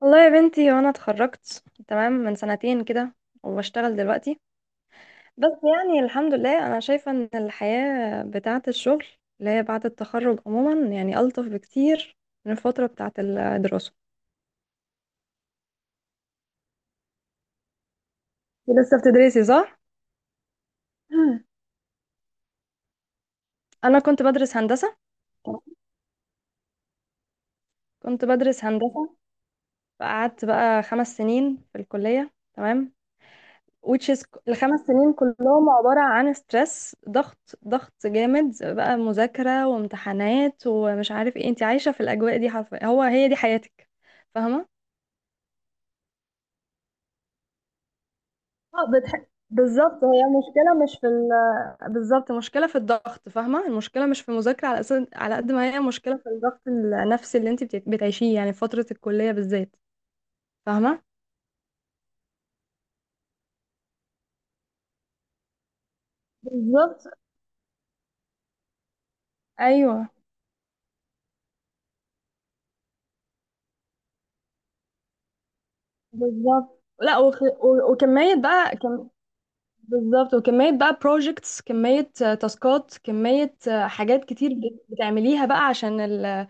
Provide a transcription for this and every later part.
والله يا بنتي، وانا اتخرجت تمام من سنتين كده وبشتغل دلوقتي. بس يعني الحمد لله انا شايفة ان الحياة بتاعة الشغل اللي هي بعد التخرج عموما يعني ألطف بكتير من الفترة بتاعة الدراسة. انتي لسه بتدرسي صح؟ مم. انا كنت بدرس هندسة. تمام. كنت بدرس هندسة، فقعدت بقى 5 سنين في الكلية. تمام. which is الخمس سنين كلهم عبارة عن ستريس، ضغط ضغط جامد بقى، مذاكرة وامتحانات ومش عارف ايه، انت عايشة في الأجواء دي حرفيا، هي دي حياتك. فاهمة؟ اه بالظبط، هي مشكلة مش بالظبط، مشكلة في الضغط. فاهمة؟ المشكلة مش في المذاكرة على أساس، على قد ما هي مشكلة في الضغط النفسي اللي انت بتعيشيه يعني في فترة الكلية بالذات. فاهمة؟ بالظبط. ايوه، بالظبط. لا وكمية بقى بالظبط. وكمية بقى projects، كمية تاسكات، كمية حاجات كتير بتعمليها بقى عشان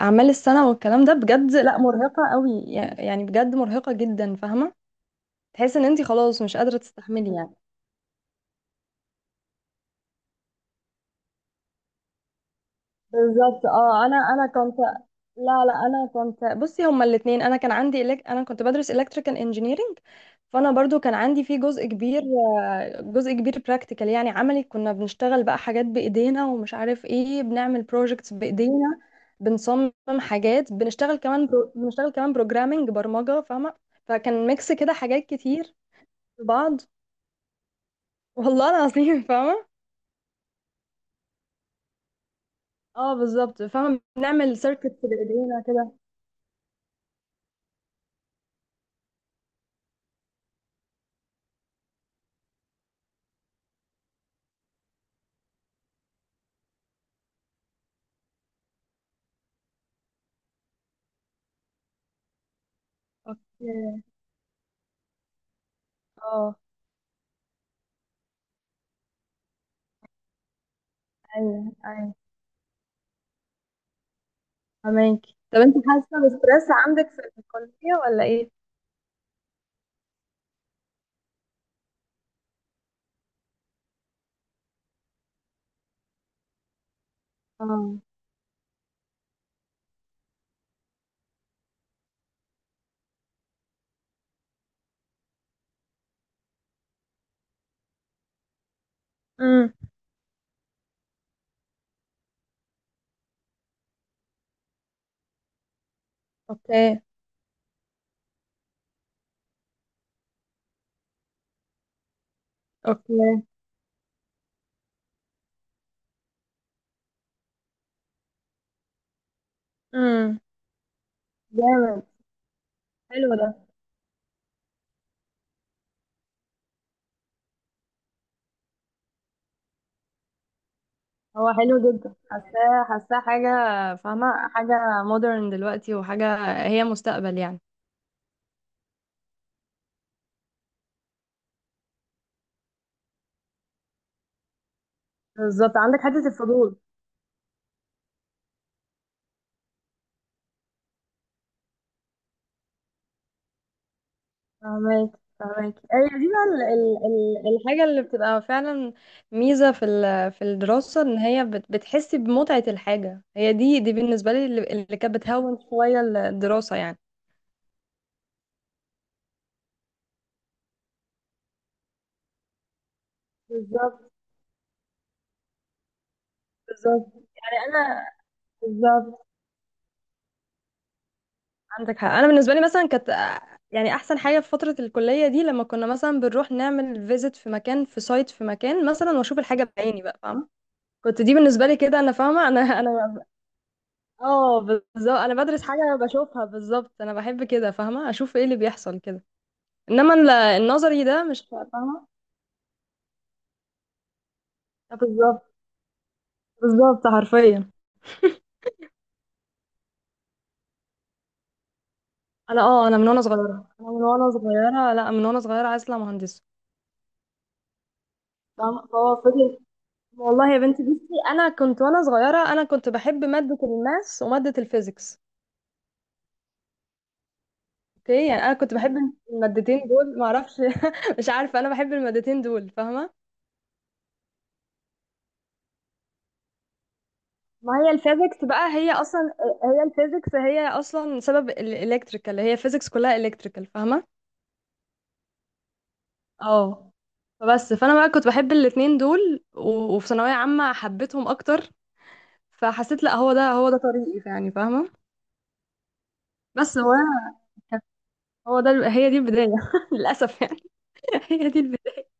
أعمال السنة والكلام ده بجد. لا، مرهقة قوي، يعني بجد مرهقة جدا، فاهمة؟ تحس ان انتي خلاص مش قادرة تستحملي يعني. بالظبط. اه انا كنت، لا لا، انا كنت بصي هما الاثنين، انا كان عندي انا كنت بدرس electrical engineering. فانا برضو كان عندي فيه جزء كبير، جزء كبير practical، يعني عملي. كنا بنشتغل بقى حاجات بايدينا ومش عارف ايه، بنعمل projects بايدينا. بنصمم حاجات، بنشتغل كمان بنشتغل كمان programming، برمجة، فاهمة؟ فكان ميكس كده، حاجات كتير في بعض، والله العظيم، فاهمة؟ اه بالظبط، فاهمة، بنعمل circuits بايدينا كده. اوكي. اه، ايوه ايوه، فهماكي. طب انت حاسه بستريس عندك في الكليه ولا ايه؟ اه. امم. اوكي اوكي. امم. جامد. حلو ده. هو حلو جدا، حاساه حاساه حاجه، فاهمه، حاجه مودرن دلوقتي، وحاجه هي مستقبل يعني. بالظبط، عندك حته الفضول. فهمك فهمك، ايوه، دي بقى الحاجه اللي بتبقى فعلا ميزه في الدراسه، ان هي بتحسي بمتعه الحاجه. هي دي، بالنسبه لي اللي كانت بتهون شويه الدراسه يعني. بالظبط بالظبط، يعني انا. بالظبط. عندك حق، انا بالنسبه لي مثلا كانت يعني احسن حاجه في فتره الكليه دي لما كنا مثلا بنروح نعمل فيزيت في مكان، في سايت في مكان مثلا، واشوف الحاجه بعيني بقى، فاهمه؟ كنت دي بالنسبه لي كده، انا فاهمه، انا. اه بالظبط، انا بدرس حاجه بشوفها. بالظبط، انا بحب كده، فاهمه؟ اشوف ايه اللي بيحصل كده. انما النظري ده مش فاهمه. بالظبط، بالظبط حرفيا. انا انا من وانا صغيره، انا من وانا صغيره، لا، من وانا صغيره عايزه اطلع مهندسه، فاهمه؟ فهو فضل. والله يا بنتي، بصي انا كنت وانا صغيره، انا كنت بحب ماده الماس وماده الفيزيكس. اوكي، يعني انا كنت بحب المادتين دول، ما اعرفش. مش عارفه، انا بحب المادتين دول، فاهمه. ما هي الفيزيكس بقى هي اصلا، هي الفيزيكس هي اصلا سبب الالكتريكال، هي فيزيكس كلها الكتريكال، فاهمه؟ اه، فبس، فانا بقى كنت بحب الاتنين دول وفي ثانويه عامه حبيتهم اكتر. فحسيت لا، هو ده، هو ده طريقي يعني، فاهمه؟ بس هو أنا- هو ده، هي دي البدايه للاسف يعني. هي دي البدايه.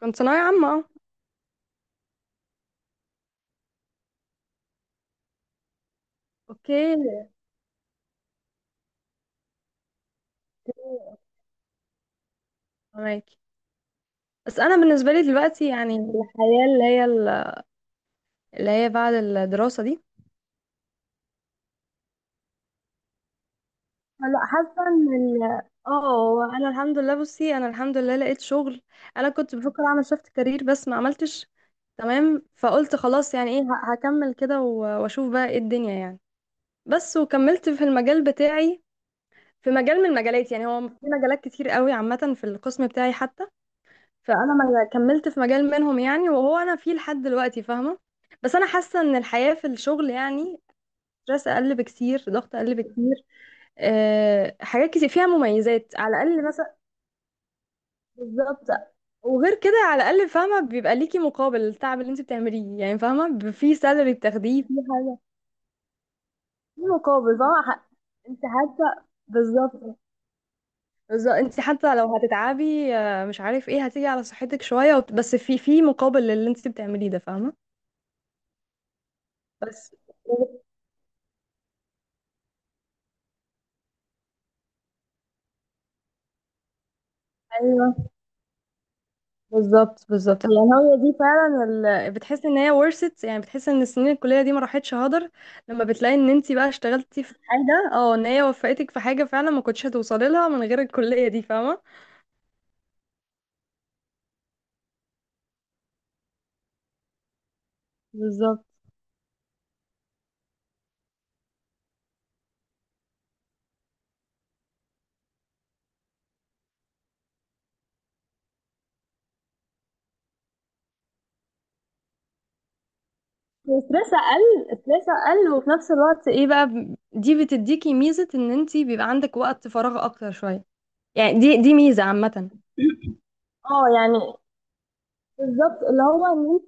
كنت ثانويه عامه اه. اوكي، معاكي. بس انا بالنسبه لي دلوقتي يعني الحياه، اللي هي اللي هي بعد الدراسه دي، لا، حاسه ان انا الحمد لله. بصي، انا الحمد لله لقيت شغل. انا كنت بفكر اعمل شفت كارير بس ما عملتش. تمام، فقلت خلاص، يعني ايه، هكمل كده واشوف بقى ايه الدنيا يعني. بس وكملت في المجال بتاعي، في مجال من المجالات. يعني هو في مجالات كتير قوي عامه في القسم بتاعي حتى. فانا ما كملت في مجال منهم يعني، وهو انا فيه لحد دلوقتي، فاهمه؟ بس انا حاسه ان الحياه في الشغل يعني ستريس اقل بكتير، ضغط اقل بكتير، حاجات كتير فيها مميزات على الاقل مثلا. بالظبط. وغير كده على الاقل فاهمه بيبقى ليكي مقابل التعب اللي انت بتعمليه، يعني فاهمه، في سالري بتاخديه، في حاجه، في مقابل، فاهمه؟ انت حتى، بالظبط بالظبط، انت حتى لو هتتعبي مش عارف ايه، هتيجي على صحتك شويه، بس في مقابل للي انت بتعمليه ده، فاهمه؟ بس ايوه بالظبط بالظبط، يعني هي دي فعلا بتحس ان هي ورثت، يعني بتحس ان السنين الكليه دي ما راحتش هدر لما بتلاقي ان انت بقى اشتغلتي في حاجه، اه، ان هي وفقتك في حاجه فعلا ما كنتش هتوصلي لها من غير الكليه دي، فاهمه؟ بالظبط. ستريس اقل، ستريس اقل، وفي نفس الوقت ايه بقى، دي بتديكي ميزه، ان انت بيبقى عندك وقت فراغ اكتر شويه يعني. دي ميزه عامه. اه يعني، بالظبط اللي هو ان،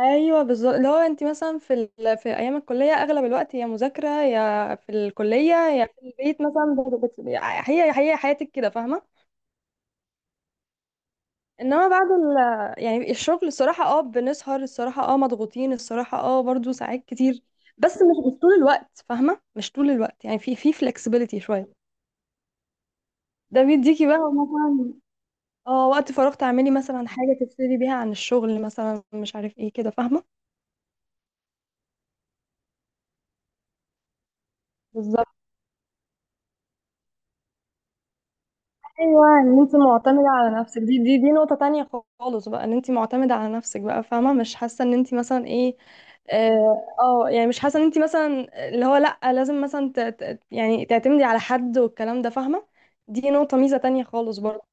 ايوه بالظبط، لو انت مثلا في ايام الكليه اغلب الوقت يا مذاكره يا في الكليه يا في البيت مثلا، هي حياتك كده، فاهمه. انما بعد يعني الشغل، الصراحه بنسهر، الصراحه مضغوطين، الصراحه برضو ساعات كتير. بس مش طول الوقت، فاهمه، مش طول الوقت يعني، في فلكسبيليتي شويه. ده بيديكي بقى مثلا اه وقت فراغ تعملي مثلا حاجه تفصلي بيها عن الشغل مثلا، مش عارف ايه كده، فاهمه؟ بالظبط. ايوه، ان انت معتمده على نفسك، دي نقطه تانية خالص بقى، ان انت معتمده على نفسك بقى، فاهمه؟ مش حاسه ان انت مثلا ايه، اه، يعني مش حاسه ان انت مثلا اللي هو، لا لازم مثلا يعني تعتمدي على حد والكلام ده، فاهمه؟ دي نقطه ميزه تانية خالص برضه.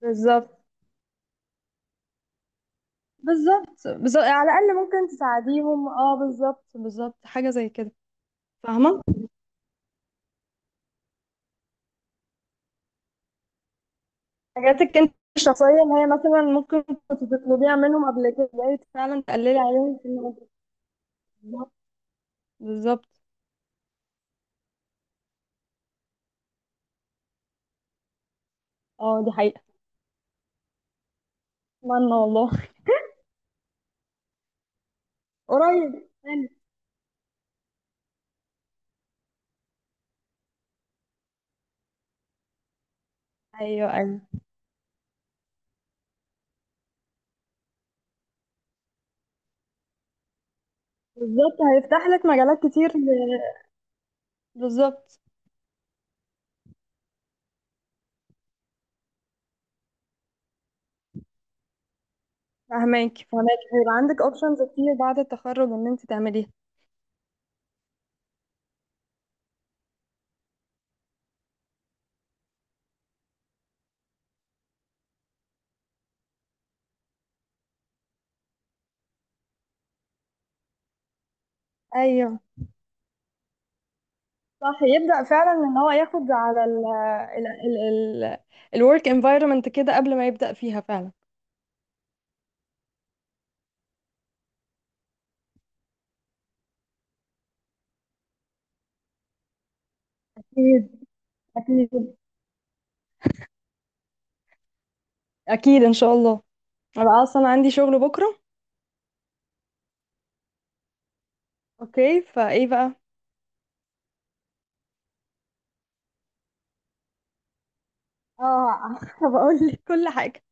بالظبط بالظبط بالظبط، على الاقل ممكن تساعديهم. اه بالظبط بالظبط، حاجه زي كده، فاهمه؟ حاجاتك انت الشخصيه اللي هي مثلا ممكن كنت تطلبيها منهم قبل كده، بقيت فعلا تقللي عليهم في الموضوع. بالظبط بالظبط. اه، دي حقيقة. اتمنى والله. قريب يعني. ايوه ايوه، بالظبط هيفتح لك مجالات كتير. بالظبط، فهماكي. فهناك هيبقى عندك اوبشنز كتير بعد التخرج ان انت تعمليها. ايوه، صح، يبدأ فعلا ان هو ياخد على ال ال ال ال الورك انفايرمنت كده قبل ما يبدأ فيها فعلا. اكيد اكيد اكيد ان شاء الله. انا اصلا عندي شغل بكرة. اوكي، فايه بقى؟ اه بقول لك كل حاجة.